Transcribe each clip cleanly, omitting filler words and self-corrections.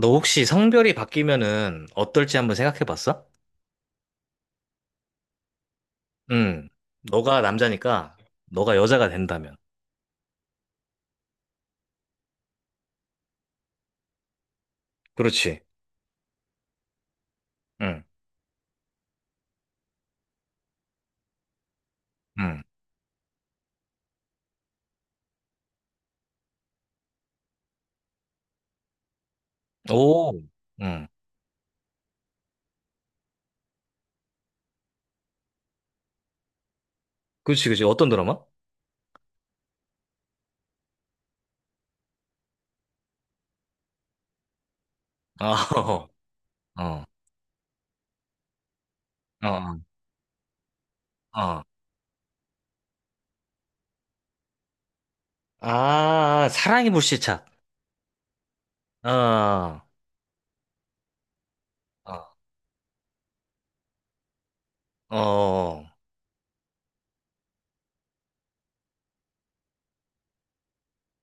너 혹시 성별이 바뀌면은 어떨지 한번 생각해 봤어? 응. 너가 남자니까 너가 여자가 된다면. 그렇지. 응. 응. 오. 응. 그렇지, 그렇지. 어떤 드라마? 아, 어. 어. 어. 어. 아, 사랑이 불시착. 어. 어. 어.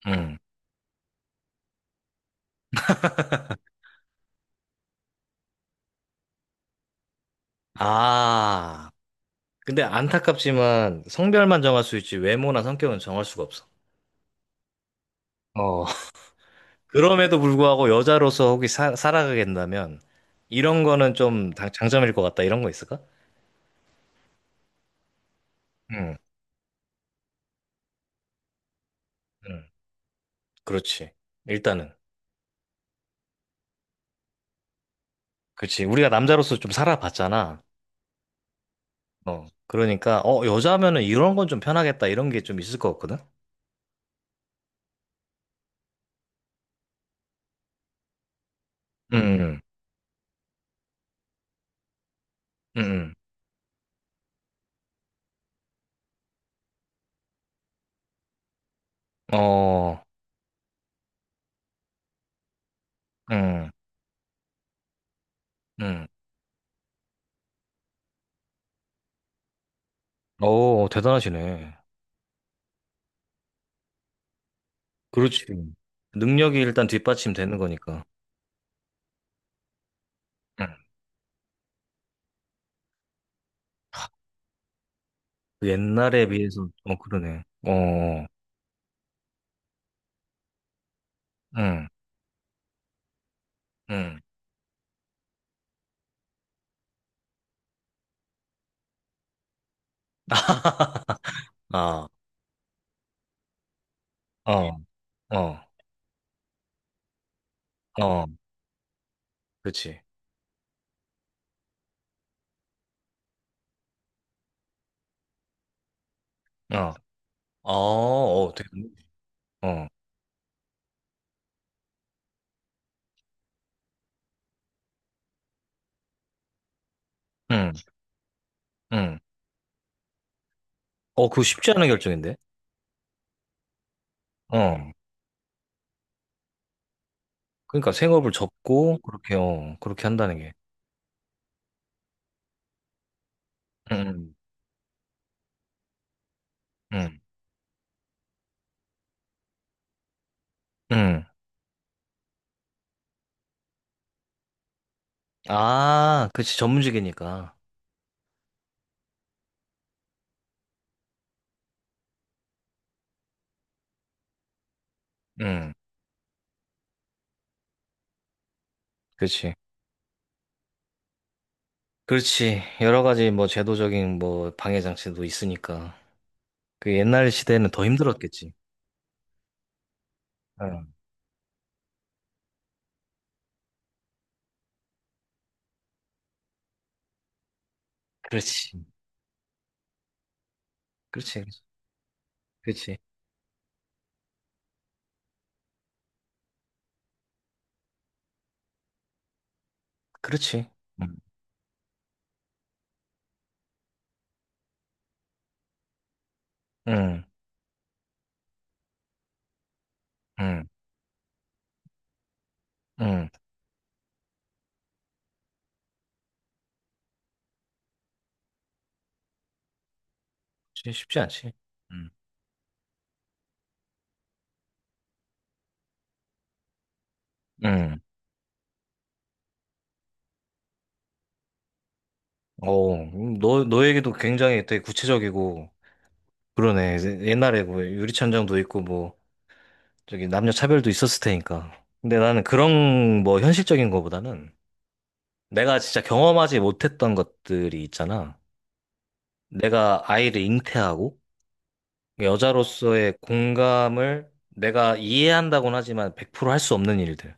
응. 아. 근데 안타깝지만 성별만 정할 수 있지 외모나 성격은 정할 수가 없어. 어. 그럼에도 불구하고 여자로서 혹시 살아가겠다면 이런 거는 좀 장점일 것 같다. 이런 거 있을까? 응, 응, 그렇지. 일단은. 그렇지. 우리가 남자로서 좀 살아봤잖아. 그러니까 여자면은 이런 건 좀 편하겠다. 이런 게 좀 있을 것 같거든. 응, 응, 응. 어, 응, 응. 오, 대단하시네. 그렇지. 능력이 일단 뒷받침되는 거니까. 응. 그 옛날에 비해서 그러네. 어, 응, 응. 아. 어, 어, 어, 그렇지. 어, 아, 어, 되게, 어, 응, 응, 어, 그거 쉽지 않은 결정인데. 어. 그러니까 생업을 접고 그렇게 한다는 게. 응, 응, 응, 아, 그렇지. 전문직이니까. 응, 그렇지. 그렇지. 여러 가지 뭐 제도적인 뭐 방해 장치도 있으니까. 그 옛날 시대에는 더 힘들었겠지. 응, 그렇지. 그렇지. 그렇지. 그렇지. 응, 응, 응, 응. 쉽지 않지. 응 응. 너 얘기도 굉장히 되게 구체적이고, 그러네. 옛날에 뭐 유리천장도 있고, 뭐, 저기 남녀 차별도 있었을 테니까. 근데 나는 그런 뭐 현실적인 거보다는 내가 진짜 경험하지 못했던 것들이 있잖아. 내가 아이를 잉태하고, 여자로서의 공감을 내가 이해한다곤 하지만 100%할 수 없는 일들.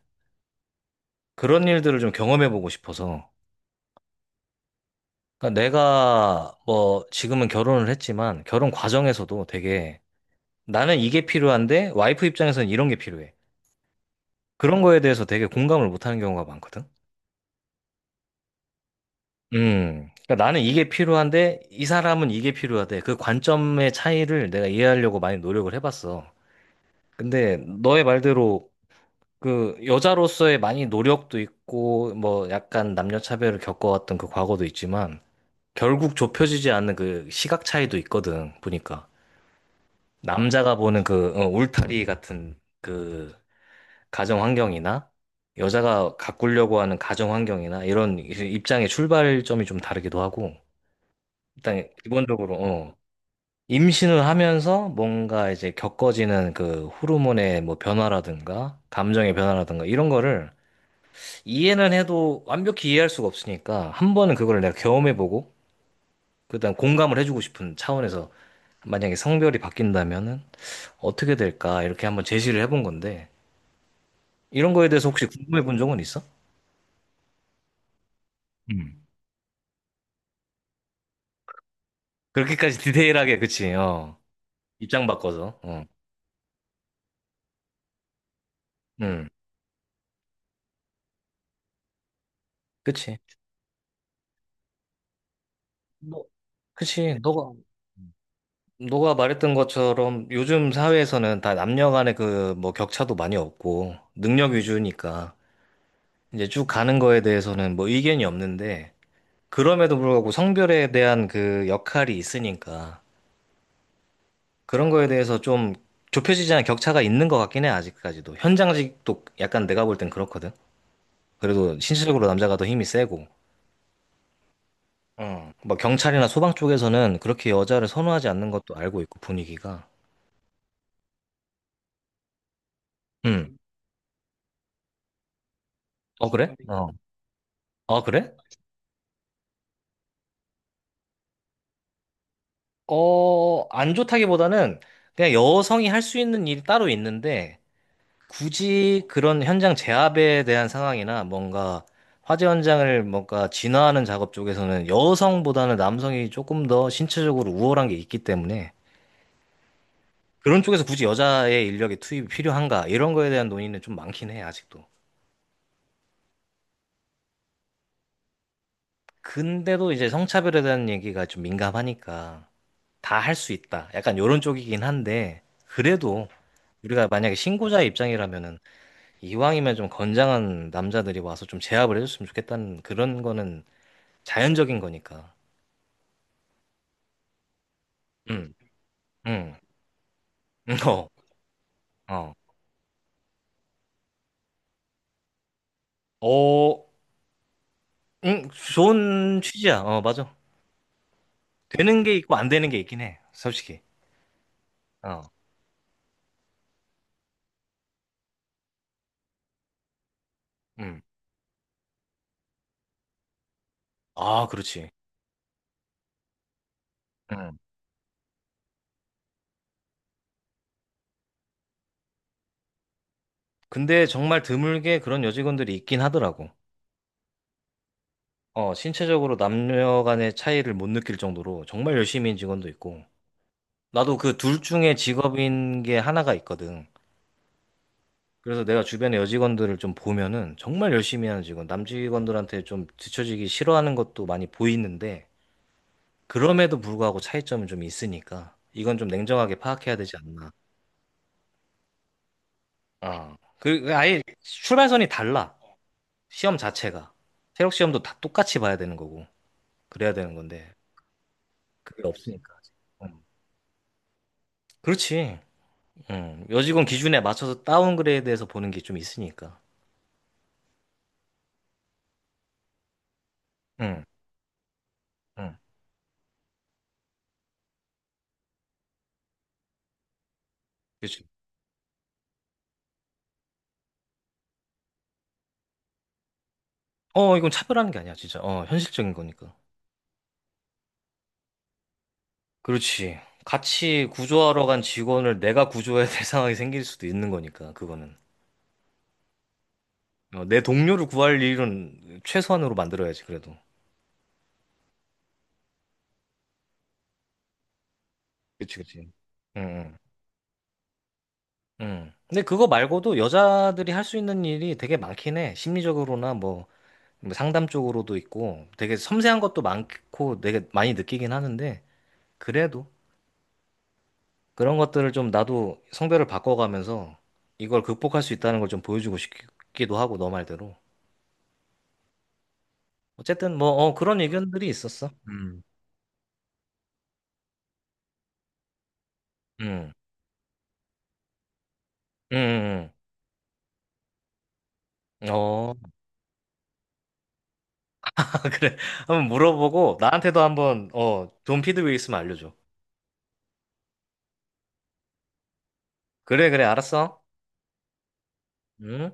그런 일들을 좀 경험해보고 싶어서. 그러니까 내가 뭐 지금은 결혼을 했지만 결혼 과정에서도 되게 나는 이게 필요한데 와이프 입장에서는 이런 게 필요해. 그런 거에 대해서 되게 공감을 못하는 경우가 많거든. 그러니까 나는 이게 필요한데 이 사람은 이게 필요하대. 그 관점의 차이를 내가 이해하려고 많이 노력을 해봤어. 근데 너의 말대로 그 여자로서의 많이 노력도 있고 뭐 약간 남녀 차별을 겪어왔던 그 과거도 있지만 결국 좁혀지지 않는 그 시각 차이도 있거든. 보니까 남자가 보는 울타리 같은 그 가정 환경이나 여자가 가꾸려고 하는 가정 환경이나 이런 입장의 출발점이 좀 다르기도 하고 일단 기본적으로 임신을 하면서 뭔가 이제 겪어지는 그 호르몬의 뭐 변화라든가 감정의 변화라든가 이런 거를 이해는 해도 완벽히 이해할 수가 없으니까 한 번은 그걸 내가 경험해보고 그다음 공감을 해주고 싶은 차원에서 만약에 성별이 바뀐다면은 어떻게 될까 이렇게 한번 제시를 해본 건데 이런 거에 대해서 혹시 궁금해 본 적은 있어? 음. 그렇게까지 디테일하게, 그치, 어. 입장 바꿔서, 어. 음, 그치. 너, 그치, 너가, 너가 말했던 것처럼 요즘 사회에서는 다 남녀 간의 그 뭐 격차도 많이 없고, 능력 위주니까 이제 쭉 가는 거에 대해서는 뭐 의견이 없는데, 그럼에도 불구하고 성별에 대한 그 역할이 있으니까, 그런 거에 대해서 좀 좁혀지지 않은 격차가 있는 것 같긴 해, 아직까지도. 현장직도 약간 내가 볼 땐 그렇거든. 그래도 신체적으로 남자가 더 힘이 세고. 어, 뭐 경찰이나 소방 쪽에서는 그렇게 여자를 선호하지 않는 것도 알고 있고 분위기가. 음. 어 그래? 어. 아 그래? 어, 안 좋다기보다는 그냥 여성이 할 수 있는 일이 따로 있는데 굳이 그런 현장 제압에 대한 상황이나 뭔가 화재 현장을 뭔가 진화하는 작업 쪽에서는 여성보다는 남성이 조금 더 신체적으로 우월한 게 있기 때문에 그런 쪽에서 굳이 여자의 인력이 투입이 필요한가 이런 거에 대한 논의는 좀 많긴 해 아직도. 근데도 이제 성차별에 대한 얘기가 좀 민감하니까 다 할 수 있다. 약간 요런 쪽이긴 한데 그래도 우리가 만약에 신고자 의 입장이라면은 이왕이면 좀 건장한 남자들이 와서 좀 제압을 해줬으면 좋겠다는 그런 거는 자연적인 거니까. 응, 응, 응, 어, 어, 어, 응, 좋은 취지야. 어, 맞아. 되는 게 있고 안 되는 게 있긴 해. 솔직히. 어, 응. 아, 그렇지. 응. 근데 정말 드물게 그런 여직원들이 있긴 하더라고. 어, 신체적으로 남녀 간의 차이를 못 느낄 정도로 정말 열심히 인 직원도 있고, 나도 그 둘 중에 직업인 게 하나가 있거든. 그래서 내가 주변에 여직원들을 좀 보면은 정말 열심히 하는 직원, 남 직원들한테 좀 뒤처지기 싫어하는 것도 많이 보이는데, 그럼에도 불구하고 차이점은 좀 있으니까, 이건 좀 냉정하게 파악해야 되지 않나. 그 아예 출발선이 달라. 시험 자체가. 체력 시험도 다 똑같이 봐야 되는 거고, 그래야 되는 건데, 그게 없으니까. 음. 그렇지. 여직원 기준에 맞춰서 다운그레이드해서 보는 게 좀 있으니까. 응, 응, 그치. 어, 이건 차별하는 게 아니야, 진짜. 어, 현실적인 거니까. 그렇지. 같이 구조하러 간 직원을 내가 구조해야 될 상황이 생길 수도 있는 거니까, 그거는. 어, 내 동료를 구할 일은 최소한으로 만들어야지, 그래도. 그치, 그치. 응, 응. 응. 근데 그거 말고도 여자들이 할 수 있는 일이 되게 많긴 해. 심리적으로나 뭐, 뭐 상담 쪽으로도 있고, 되게 섬세한 것도 많고, 되게 많이 느끼긴 하는데, 그래도. 그런 것들을 좀 나도 성별을 바꿔가면서 이걸 극복할 수 있다는 걸 좀 보여주고 싶기도 하고, 너 말대로. 어쨌든 그런 의견들이 있었어. 음. 음, 음, 어, 그래. 한번 물어보고 나한테도 한번, 어, 좋은 피드백 있으면 알려줘. 그래, 그래, 알았어. 음.